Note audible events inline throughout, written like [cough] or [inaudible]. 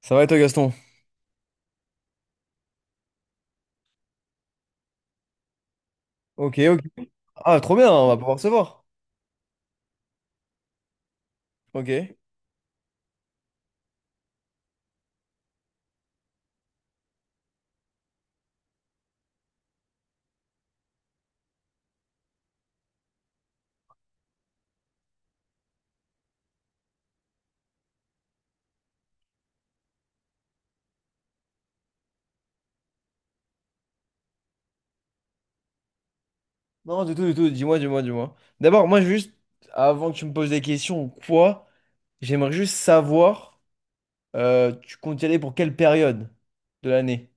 Ça va et toi, Gaston? Ok, ok. Ah, trop bien, on va pouvoir se voir. Ok. Non, du tout, du tout. Dis-moi, dis-moi, dis-moi. D'abord, moi, juste, avant que tu me poses des questions ou quoi, j'aimerais juste savoir, tu comptes y aller pour quelle période de l'année?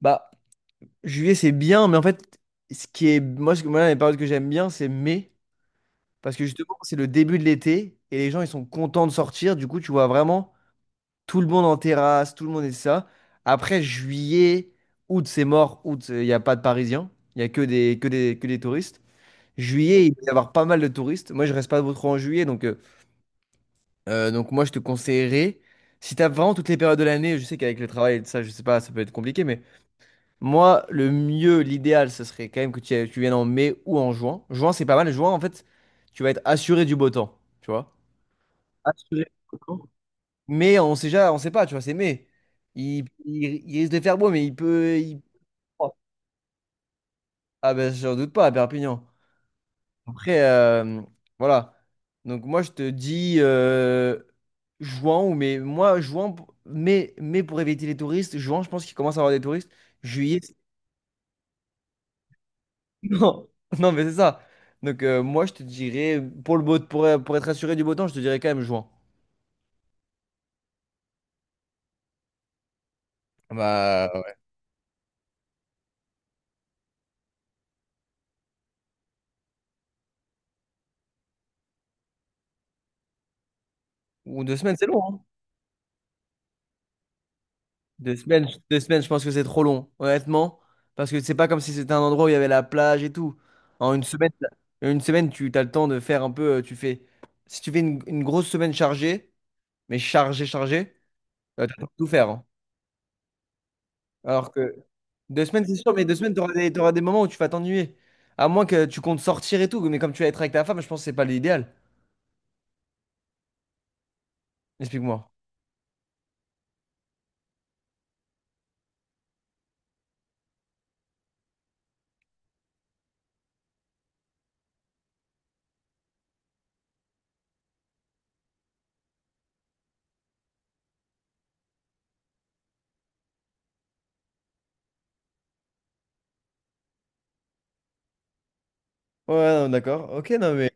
Bah, juillet, c'est bien, mais en fait, ce qui est. Moi, moi, les périodes que j'aime bien, c'est mai. Parce que justement, c'est le début de l'été et les gens, ils sont contents de sortir. Du coup, tu vois vraiment. Tout le monde en terrasse, tout le monde est ça. Après, juillet, août, c'est mort. Août, il n'y a pas de Parisiens. Il n'y a que des, que des touristes. Juillet, il va y avoir pas mal de touristes. Moi, je reste pas trop en juillet. Donc moi, je te conseillerais, si tu as vraiment toutes les périodes de l'année, je sais qu'avec le travail et tout ça, je sais pas, ça peut être compliqué. Mais moi, le mieux, l'idéal, ce serait quand même que tu viennes en mai ou en juin. Juin, c'est pas mal. Juin, en fait, tu vas être assuré du beau temps. Tu vois? Assuré du beau temps. Mais on sait déjà, on sait pas, tu vois, c'est mai. Il risque de faire beau, mais il peut. Oh. Ah ben, j'en doute pas à Perpignan. Après, voilà. Donc moi, je te dis juin ou mai. Moi, mai, mai pour éviter les touristes. Juin, je pense qu'il commence à avoir des touristes. Juillet, [laughs] non, non, mais c'est ça. Donc moi, je te dirais pour le beau, pour être assuré du beau temps, je te dirais quand même juin. Bah ouais. Ou deux semaines, c'est long. Hein. Deux semaines, je pense que c'est trop long, honnêtement. Parce que c'est pas comme si c'était un endroit où il y avait la plage et tout. En une semaine, tu as le temps de faire un peu. Tu fais, si tu fais une grosse semaine chargée, mais chargée, t'as le temps de tout faire. Hein. Alors que deux semaines, c'est sûr, mais deux semaines, t'auras des moments où tu vas t'ennuyer. À moins que tu comptes sortir et tout. Mais comme tu vas être avec ta femme, je pense que c'est pas l'idéal. Explique-moi. Ouais, non, d'accord. Ok, non, mais.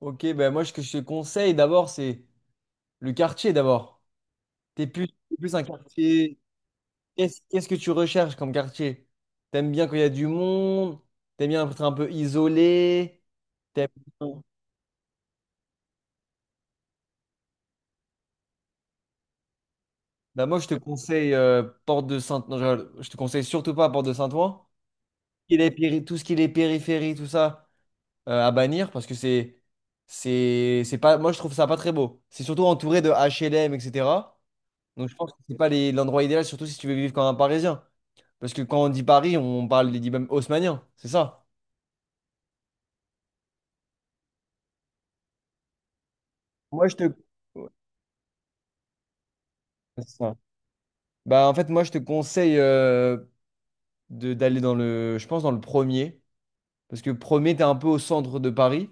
Ok, ben moi, ce que je te conseille d'abord, c'est le quartier d'abord. T'es plus un quartier. Qu'est-ce que tu recherches comme quartier? T'aimes bien quand il y a du monde? T'aimes bien être un peu isolé? T'aimes bien- Bah moi, je te conseille Porte de Saint... non, je rigole. Je te conseille surtout pas Porte de Saint-Ouen. Tout ce qui est périphérie, tout ça, à bannir parce que c'est... c'est pas... Moi, je trouve ça pas très beau. C'est surtout entouré de HLM, etc. Donc, je pense que c'est pas l'endroit idéal, surtout si tu veux vivre comme un Parisien. Parce que quand on dit Paris, on parle des dix même haussmanniens, c'est ça? Moi, je te... Ouais, c'est ça. Bah, en fait, moi, je te conseille d'aller dans le, je pense, dans le premier. Parce que premier, t'es un peu au centre de Paris.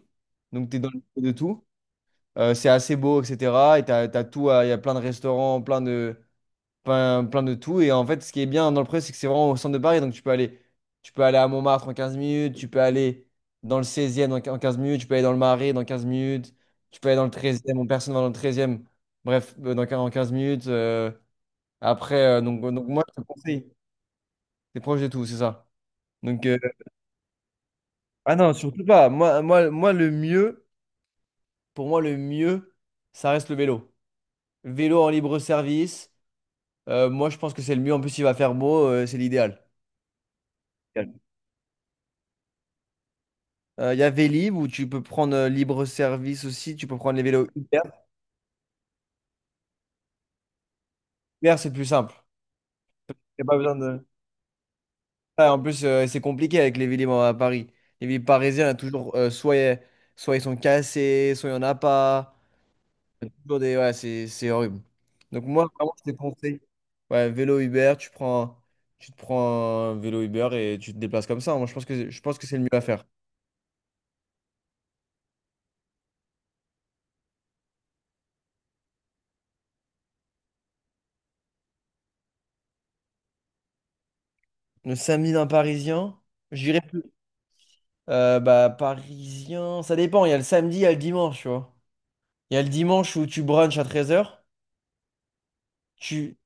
Donc, t'es dans le milieu de tout. C'est assez beau, etc. Et t'as tout, il y a plein de restaurants, plein de tout. Et en fait, ce qui est bien dans le premier, c'est que c'est vraiment au centre de Paris. Donc, tu peux aller à Montmartre en 15 minutes. Tu peux aller dans le seizième en en 15 minutes. Tu peux aller dans le Marais dans 15 minutes. Tu peux aller dans le treizième e Bon, personne va dans le treizième Bref, en 15 minutes. Moi, je te conseille. T'es proche de tout, c'est ça. Donc, ah non, surtout pas. Moi, le mieux, pour moi, le mieux, ça reste le vélo. Vélo en libre service. Moi, je pense que c'est le mieux. En plus, il va faire beau, c'est l'idéal. Il y a Vélib où tu peux prendre libre service aussi. Tu peux prendre les vélos Uber. Uber, c'est plus simple. Y a pas besoin de. Ah, en plus, c'est compliqué avec les Vélib à Paris. Les Vélib parisiens, toujours, soit ils sont cassés, soit il n'y en a pas. Ouais, c'est horrible. Donc moi, vraiment, je te conseille. Ouais, vélo Uber, tu prends, tu te prends un vélo Uber et tu te déplaces comme ça. Moi, je pense que c'est le mieux à faire. Le samedi d'un Parisien, j'irai plus. Bah, Parisien, ça dépend. Il y a le samedi, il y a le dimanche, tu vois. Il y a le dimanche où tu brunches à 13h Tu...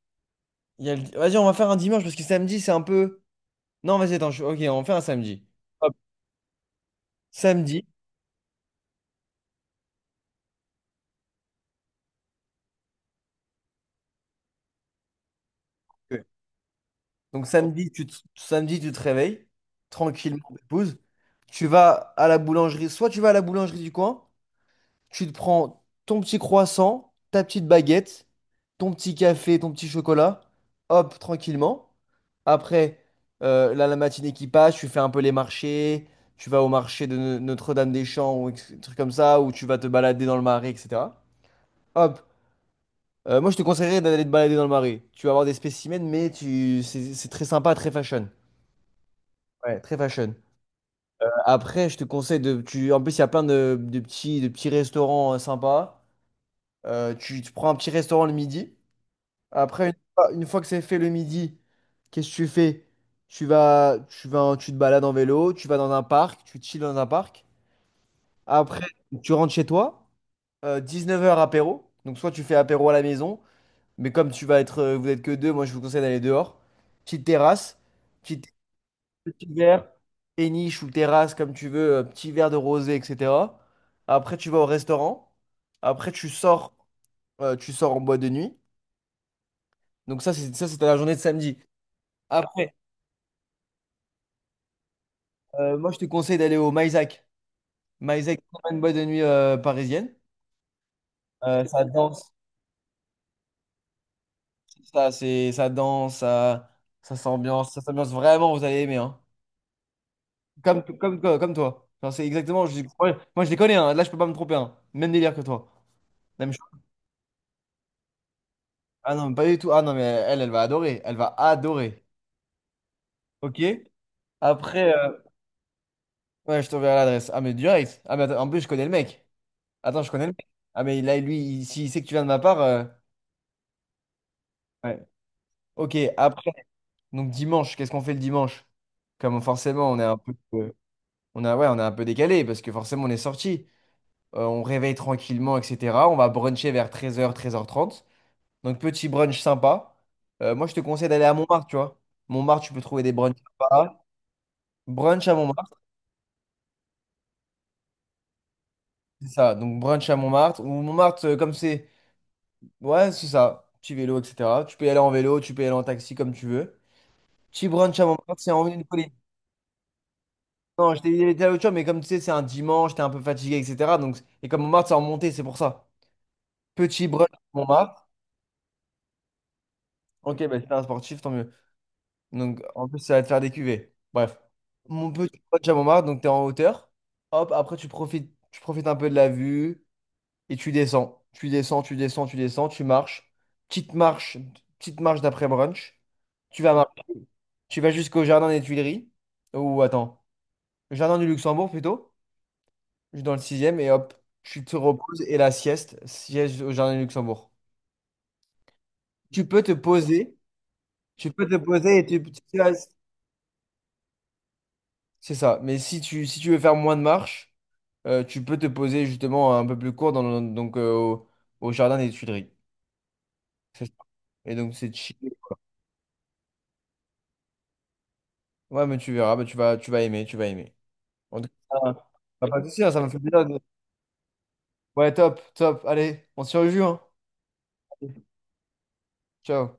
il y a le- Vas-y, on va faire un dimanche parce que samedi, c'est un peu... Non, vas-y, attends. Ok, on fait un samedi. Hop. Samedi. Donc samedi, tu te réveilles tranquillement, épouse. Tu vas à la boulangerie. Soit tu vas à la boulangerie du coin, tu te prends ton petit croissant, ta petite baguette, ton petit café, ton petit chocolat. Hop, tranquillement. Après, là, la matinée qui passe, tu fais un peu les marchés. Tu vas au marché de Notre-Dame-des-Champs ou trucs comme ça, où tu vas te balader dans le marais, etc. Hop. Moi, je te conseillerais d'aller te balader dans le marais. Tu vas avoir des spécimens, mais tu... c'est très sympa, très fashion. Ouais, très fashion. Après, je te conseille de. Tu, en plus, il y a plein de, de petits restaurants sympas. Tu prends un petit restaurant le midi. Après, une fois que c'est fait le midi, qu'est-ce que tu fais? Tu te balades en vélo, tu vas dans un parc, tu chilles dans un parc. Après, tu rentres chez toi. 19 heures apéro. Donc, soit tu fais apéro à la maison, mais comme tu vas être, vous êtes que deux, moi je vous conseille d'aller dehors. Petite terrasse. Petite Petit verre, péniche ou terrasse, comme tu veux, petit verre de rosé, etc. Après, tu vas au restaurant. Après, tu sors en boîte de nuit. Donc ça, c'est ça, c'était la journée de samedi. Après, moi, je te conseille d'aller au Maisac. Maisac, c'est une boîte de nuit parisienne. Euh, ça danse, ça danse, ça s'ambiance vraiment, vous allez aimer. Hein. Comme toi. Enfin, c'est exactement, moi, je les connais, hein. Là, je peux pas me tromper. Hein. Même délire que toi. Même Ah non, pas du tout. Ah non, mais elle va adorer. Elle va adorer. Ok? Après, ouais, je t'enverrai l'adresse. Ah, mais direct. Ah, mais attends, en plus, je connais le mec. Attends, je connais le mec. Ah, lui, s'il sait que tu viens de ma part. Ouais. Ok, après, donc dimanche, qu'est-ce qu'on fait le dimanche? Comme forcément, on est un peu, on a, ouais, on est un peu décalé parce que forcément, on est sorti. On réveille tranquillement, etc. On va bruncher vers 13h, 13h30. Donc, petit brunch sympa. Moi, je te conseille d'aller à Montmartre, tu vois. Montmartre, tu peux trouver des brunchs sympas. Brunch à Montmartre. C'est ça, donc brunch à Montmartre. Ou Montmartre, comme c'est. Ouais, c'est ça. Petit vélo, etc. Tu peux y aller en vélo, tu peux y aller en taxi comme tu veux. Petit brunch à Montmartre, c'est en haut d'une colline. Non, je t'ai dit les l'autre jour, mais comme tu sais, c'est un dimanche, t'es un peu fatigué, etc. Donc... Et comme Montmartre, c'est en montée, c'est pour ça. Petit brunch à Montmartre. Ok, bah, si t'es un sportif, tant mieux. Donc en plus, ça va te faire des cuvées. Bref. Mon petit brunch à Montmartre, donc t'es en hauteur. Hop, après, tu profites un peu de la vue. Et tu descends, tu marches. Petite marche, petite marche d'après brunch. Tu vas marcher. Tu vas jusqu'au jardin des Tuileries. Ou attends, le jardin du Luxembourg plutôt. Je suis dans le sixième et hop, tu te reposes et la sieste, sieste au jardin du Luxembourg. Tu peux te poser, tu restes. C'est ça. Mais si tu veux faire moins de marche, tu peux te poser justement un peu plus court dans au jardin des Tuileries. C'est ça. Et donc c'est chill. Ouais, mais tu verras, bah, tu vas aimer, tu vas aimer. En tout cas, bah, pas de souci, hein, ça m'a fait plaisir. De- Ouais, top, top. Allez, on se rejoue, hein. Ciao.